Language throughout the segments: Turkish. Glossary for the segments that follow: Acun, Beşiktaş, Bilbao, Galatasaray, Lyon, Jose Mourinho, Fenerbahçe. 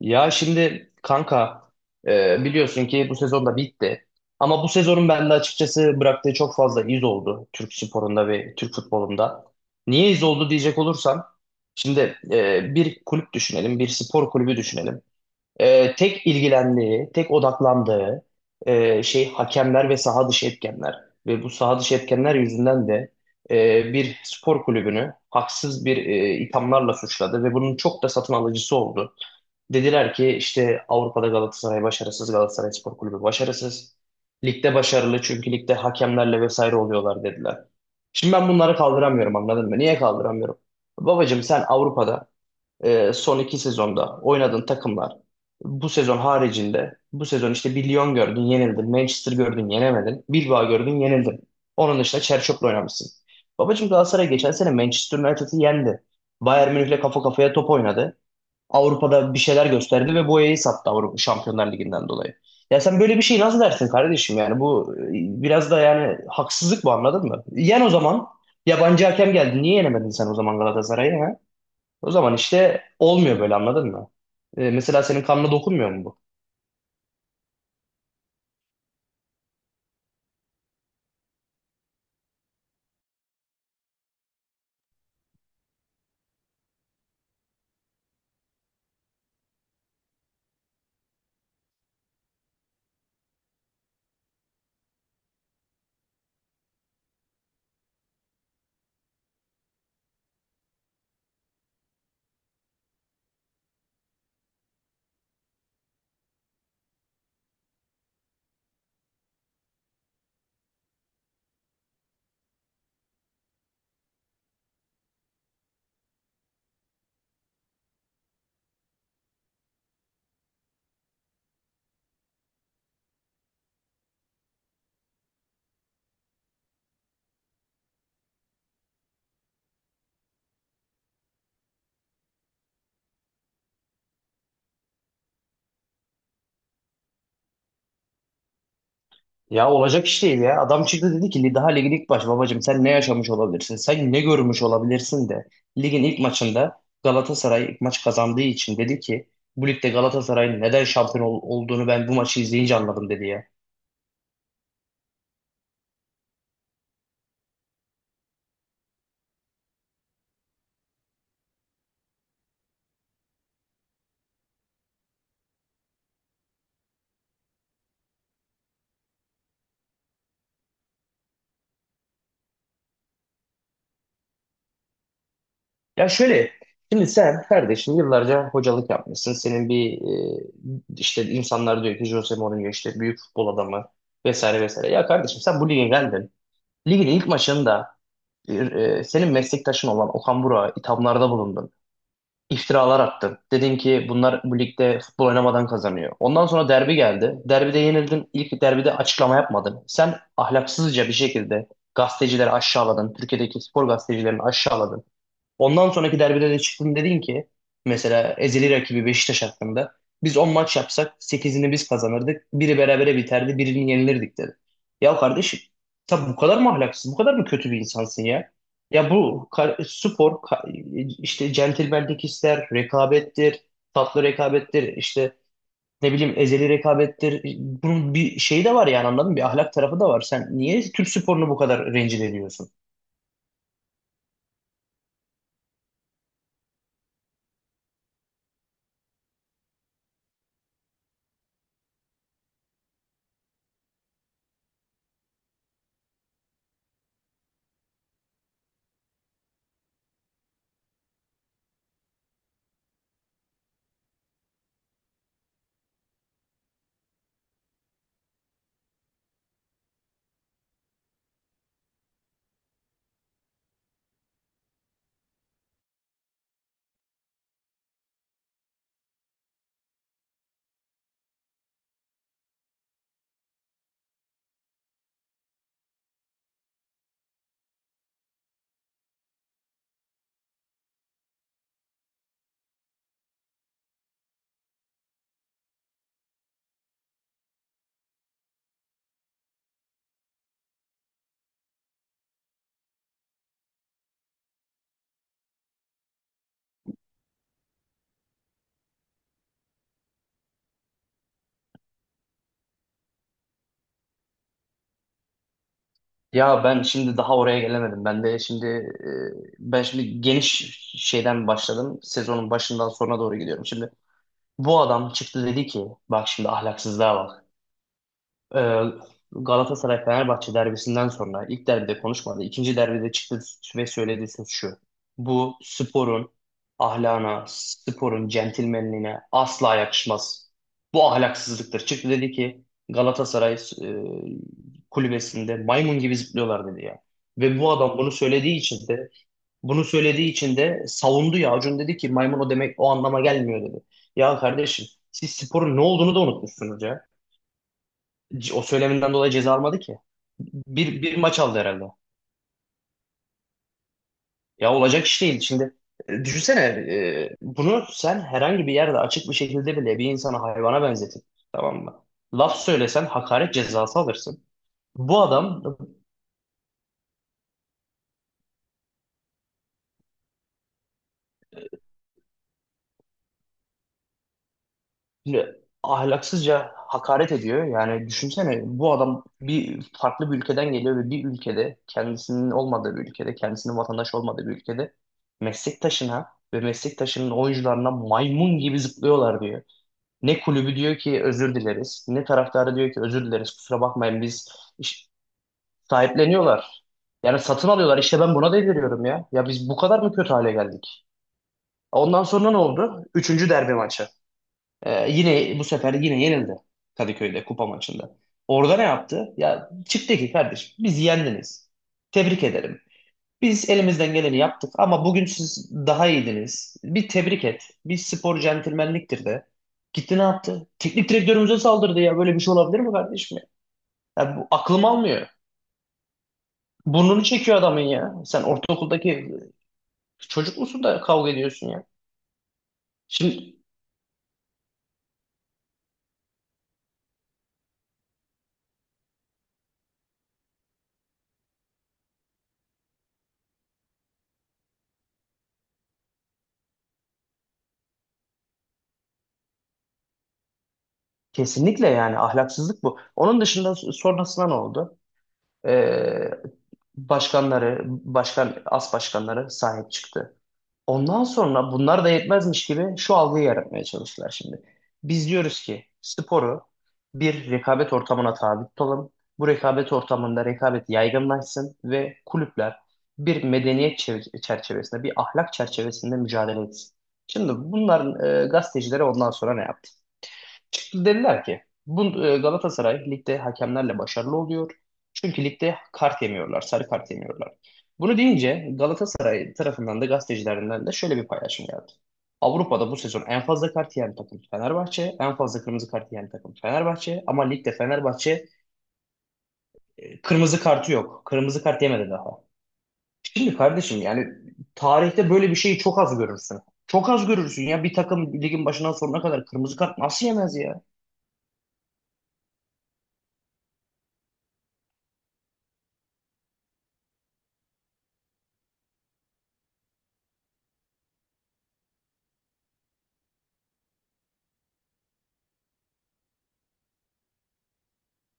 Ya şimdi kanka biliyorsun ki bu sezon da bitti. Ama bu sezonun bende açıkçası bıraktığı çok fazla iz oldu Türk sporunda ve Türk futbolunda. Niye iz oldu diyecek olursam şimdi bir kulüp düşünelim, bir spor kulübü düşünelim. Tek ilgilendiği, tek odaklandığı şey hakemler ve saha dışı etkenler. Ve bu saha dışı etkenler yüzünden de bir spor kulübünü haksız bir ithamlarla suçladı ve bunun çok da satın alıcısı oldu. Dediler ki işte Avrupa'da Galatasaray başarısız, Galatasaray Spor Kulübü başarısız. Ligde başarılı çünkü ligde hakemlerle vesaire oluyorlar dediler. Şimdi ben bunları kaldıramıyorum anladın mı? Niye kaldıramıyorum? Babacım sen Avrupa'da son 2 sezonda oynadığın takımlar bu sezon haricinde bu sezon işte bir Lyon gördün yenildin, Manchester gördün yenemedin, Bilbao gördün yenildin. Onun dışında Çerçok'la oynamışsın. Babacım Galatasaray geçen sene Manchester United'ı yendi. Bayern Münih'le kafa kafaya top oynadı. Avrupa'da bir şeyler gösterdi ve boyayı sattı Avrupa Şampiyonlar Ligi'nden dolayı. Ya sen böyle bir şey nasıl dersin kardeşim yani bu biraz da yani haksızlık bu anladın mı? Yen o zaman yabancı hakem geldi. Niye yenemedin sen o zaman Galatasaray'ı ha? O zaman işte olmuyor böyle anladın mı? Mesela senin kanına dokunmuyor mu bu? Ya olacak iş değil ya. Adam çıktı dedi ki daha ligin ilk baş babacım sen ne yaşamış olabilirsin? Sen ne görmüş olabilirsin de ligin ilk maçında Galatasaray ilk maç kazandığı için dedi ki bu ligde Galatasaray'ın neden şampiyon olduğunu ben bu maçı izleyince anladım dedi ya. Ya şöyle şimdi sen kardeşim yıllarca hocalık yapmışsın. Senin bir işte insanlar diyor ki Jose Mourinho işte büyük futbol adamı vesaire vesaire. Ya kardeşim sen bu lige geldin. Ligin ilk maçında e, senin meslektaşın olan Okan Burak'a ithamlarda bulundun. İftiralar attın. Dedin ki bunlar bu ligde futbol oynamadan kazanıyor. Ondan sonra derbi geldi. Derbide yenildin. İlk derbide açıklama yapmadın. Sen ahlaksızca bir şekilde gazetecileri aşağıladın. Türkiye'deki spor gazetecilerini aşağıladın. Ondan sonraki derbide de çıktın dedin ki mesela ezeli rakibi Beşiktaş hakkında biz 10 maç yapsak sekizini biz kazanırdık. Biri berabere biterdi, birini yenilirdik dedi. Ya kardeşim tabi bu kadar mı ahlaksız, bu kadar mı kötü bir insansın ya? Ya bu kar- spor ka- işte centilmenlik ister, rekabettir, tatlı rekabettir, işte ne bileyim ezeli rekabettir. Bunun bir şeyi de var yani anladın mı? Bir ahlak tarafı da var. Sen niye Türk sporunu bu kadar rencide ediyorsun? Ya ben şimdi daha oraya gelemedim. Ben de şimdi ben şimdi geniş şeyden başladım. Sezonun başından sonuna doğru gidiyorum. Şimdi bu adam çıktı dedi ki bak şimdi ahlaksızlığa bak. Ee, Galatasaray-Fenerbahçe derbisinden sonra ilk derbide konuşmadı. İkinci derbide çıktı ve söylediği söz şu. Bu sporun ahlana, sporun centilmenliğine asla yakışmaz. Bu ahlaksızlıktır. Çıktı dedi ki Galatasaray e, kulübesinde maymun gibi zıplıyorlar dedi ya. Ve bu adam bunu söylediği için de savundu ya. Acun dedi ki maymun o demek o anlama gelmiyor dedi. Ya kardeşim siz sporun ne olduğunu da unutmuşsunuz ya. O söyleminden dolayı ceza almadı ki. Bir maç aldı herhalde. Ya olacak iş değil. Şimdi düşünsene bunu sen herhangi bir yerde açık bir şekilde bile bir insana hayvana benzetip tamam mı? Laf söylesen hakaret cezası alırsın. Bu adam e, ahlaksızca hakaret ediyor. Yani düşünsene bu adam bir farklı bir ülkeden geliyor ve bir ülkede kendisinin olmadığı bir ülkede, kendisinin vatandaşı olmadığı bir ülkede meslektaşına ve meslektaşının oyuncularına maymun gibi zıplıyorlar diyor. Ne kulübü diyor ki özür dileriz, ne taraftarı diyor ki özür dileriz, kusura bakmayın biz iş- sahipleniyorlar. Yani satın alıyorlar. İşte ben buna deliriyorum ya. Ya biz bu kadar mı kötü hale geldik? Ondan sonra ne oldu? Üçüncü derbi maçı. Yine bu sefer yine yenildi Kadıköy'de kupa maçında. Orada ne yaptı? Ya çıktı ki kardeşim biz yendiniz. Tebrik ederim. Biz elimizden geleni yaptık ama bugün siz daha iyiydiniz. Bir tebrik et. Bir spor centilmenliktir de. Gitti ne yaptı? Teknik direktörümüze saldırdı ya. Böyle bir şey olabilir mi kardeşim ya? Ya bu aklım almıyor. Burnunu çekiyor adamın ya. Sen ortaokuldaki çocuk musun da kavga ediyorsun ya. Şimdi kesinlikle yani ahlaksızlık bu. Onun dışında sonrasında ne oldu? Ee, başkanları, başkan, as başkanları sahip çıktı. Ondan sonra bunlar da yetmezmiş gibi şu algıyı yaratmaya çalıştılar şimdi. Biz diyoruz ki sporu bir rekabet ortamına tabi tutalım. Bu rekabet ortamında rekabet yaygınlaşsın ve kulüpler bir medeniyet çerçevesinde, bir ahlak çerçevesinde mücadele etsin. Şimdi bunların gazetecileri ondan sonra ne yaptı? Çıktı dediler ki bu Galatasaray ligde hakemlerle başarılı oluyor. Çünkü ligde kart yemiyorlar, sarı kart yemiyorlar. Bunu deyince Galatasaray tarafından da gazetecilerinden de şöyle bir paylaşım geldi. Avrupa'da bu sezon en fazla kart yiyen takım Fenerbahçe, en fazla kırmızı kart yiyen takım Fenerbahçe ama ligde Fenerbahçe kırmızı kartı yok. Kırmızı kart yemedi daha. Şimdi kardeşim yani tarihte böyle bir şeyi çok az görürsün. Çok az görürsün ya bir takım ligin başından sonuna kadar kırmızı kart nasıl yemez ya?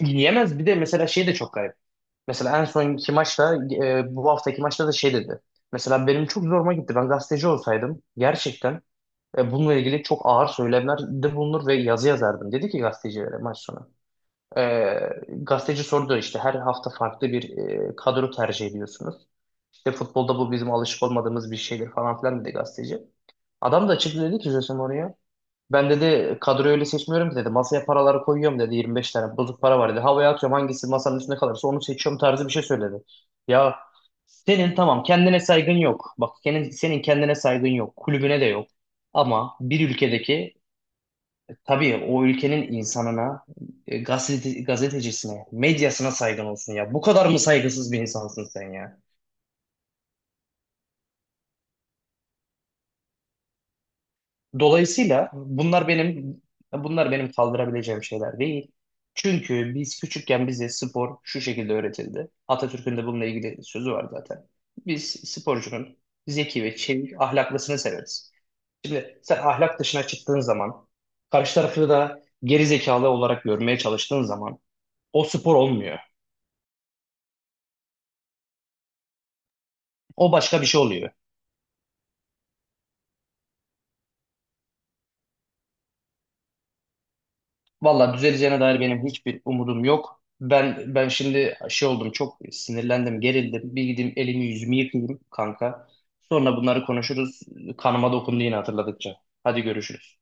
Yemez bir de mesela şey de çok garip. Mesela en sonki maçta bu haftaki maçta da şey dedi. Mesela benim çok zoruma gitti. Ben gazeteci olsaydım gerçekten bununla ilgili çok ağır söylemlerde bulunur ve yazı yazardım. Dedi ki gazetecilere maç sonu. E, gazeteci sordu işte her hafta farklı bir kadro tercih ediyorsunuz. İşte futbolda bu bizim alışık olmadığımız bir şeydir falan filan dedi gazeteci. Adam da açık dedi ki Jose Mourinho. Ben dedi kadroyu öyle seçmiyorum ki dedi. Masaya paraları koyuyorum dedi. 25 tane bozuk para var dedi. Havaya atıyorum hangisi masanın üstünde kalırsa onu seçiyorum tarzı bir şey söyledi. Ya senin tamam kendine saygın yok. Bak senin kendine saygın yok. Kulübüne de yok. Ama bir ülkedeki tabii o ülkenin insanına, gazete, gazetecisine, medyasına saygın olsun ya. Bu kadar mı saygısız bir insansın sen ya? Dolayısıyla bunlar benim kaldırabileceğim şeyler değil. Çünkü biz küçükken bize spor şu şekilde öğretildi. Atatürk'ün de bununla ilgili sözü var zaten. Biz sporcunun zeki ve çevik ahlaklısını severiz. Şimdi sen ahlak dışına çıktığın zaman, karşı tarafı da geri zekalı olarak görmeye çalıştığın zaman o spor olmuyor. O başka bir şey oluyor. Valla düzeleceğine dair benim hiçbir umudum yok. Ben şimdi şey oldum çok sinirlendim, gerildim. Bir gideyim elimi yüzümü yıkayayım kanka. Sonra bunları konuşuruz. Kanıma dokundu yine hatırladıkça. Hadi görüşürüz.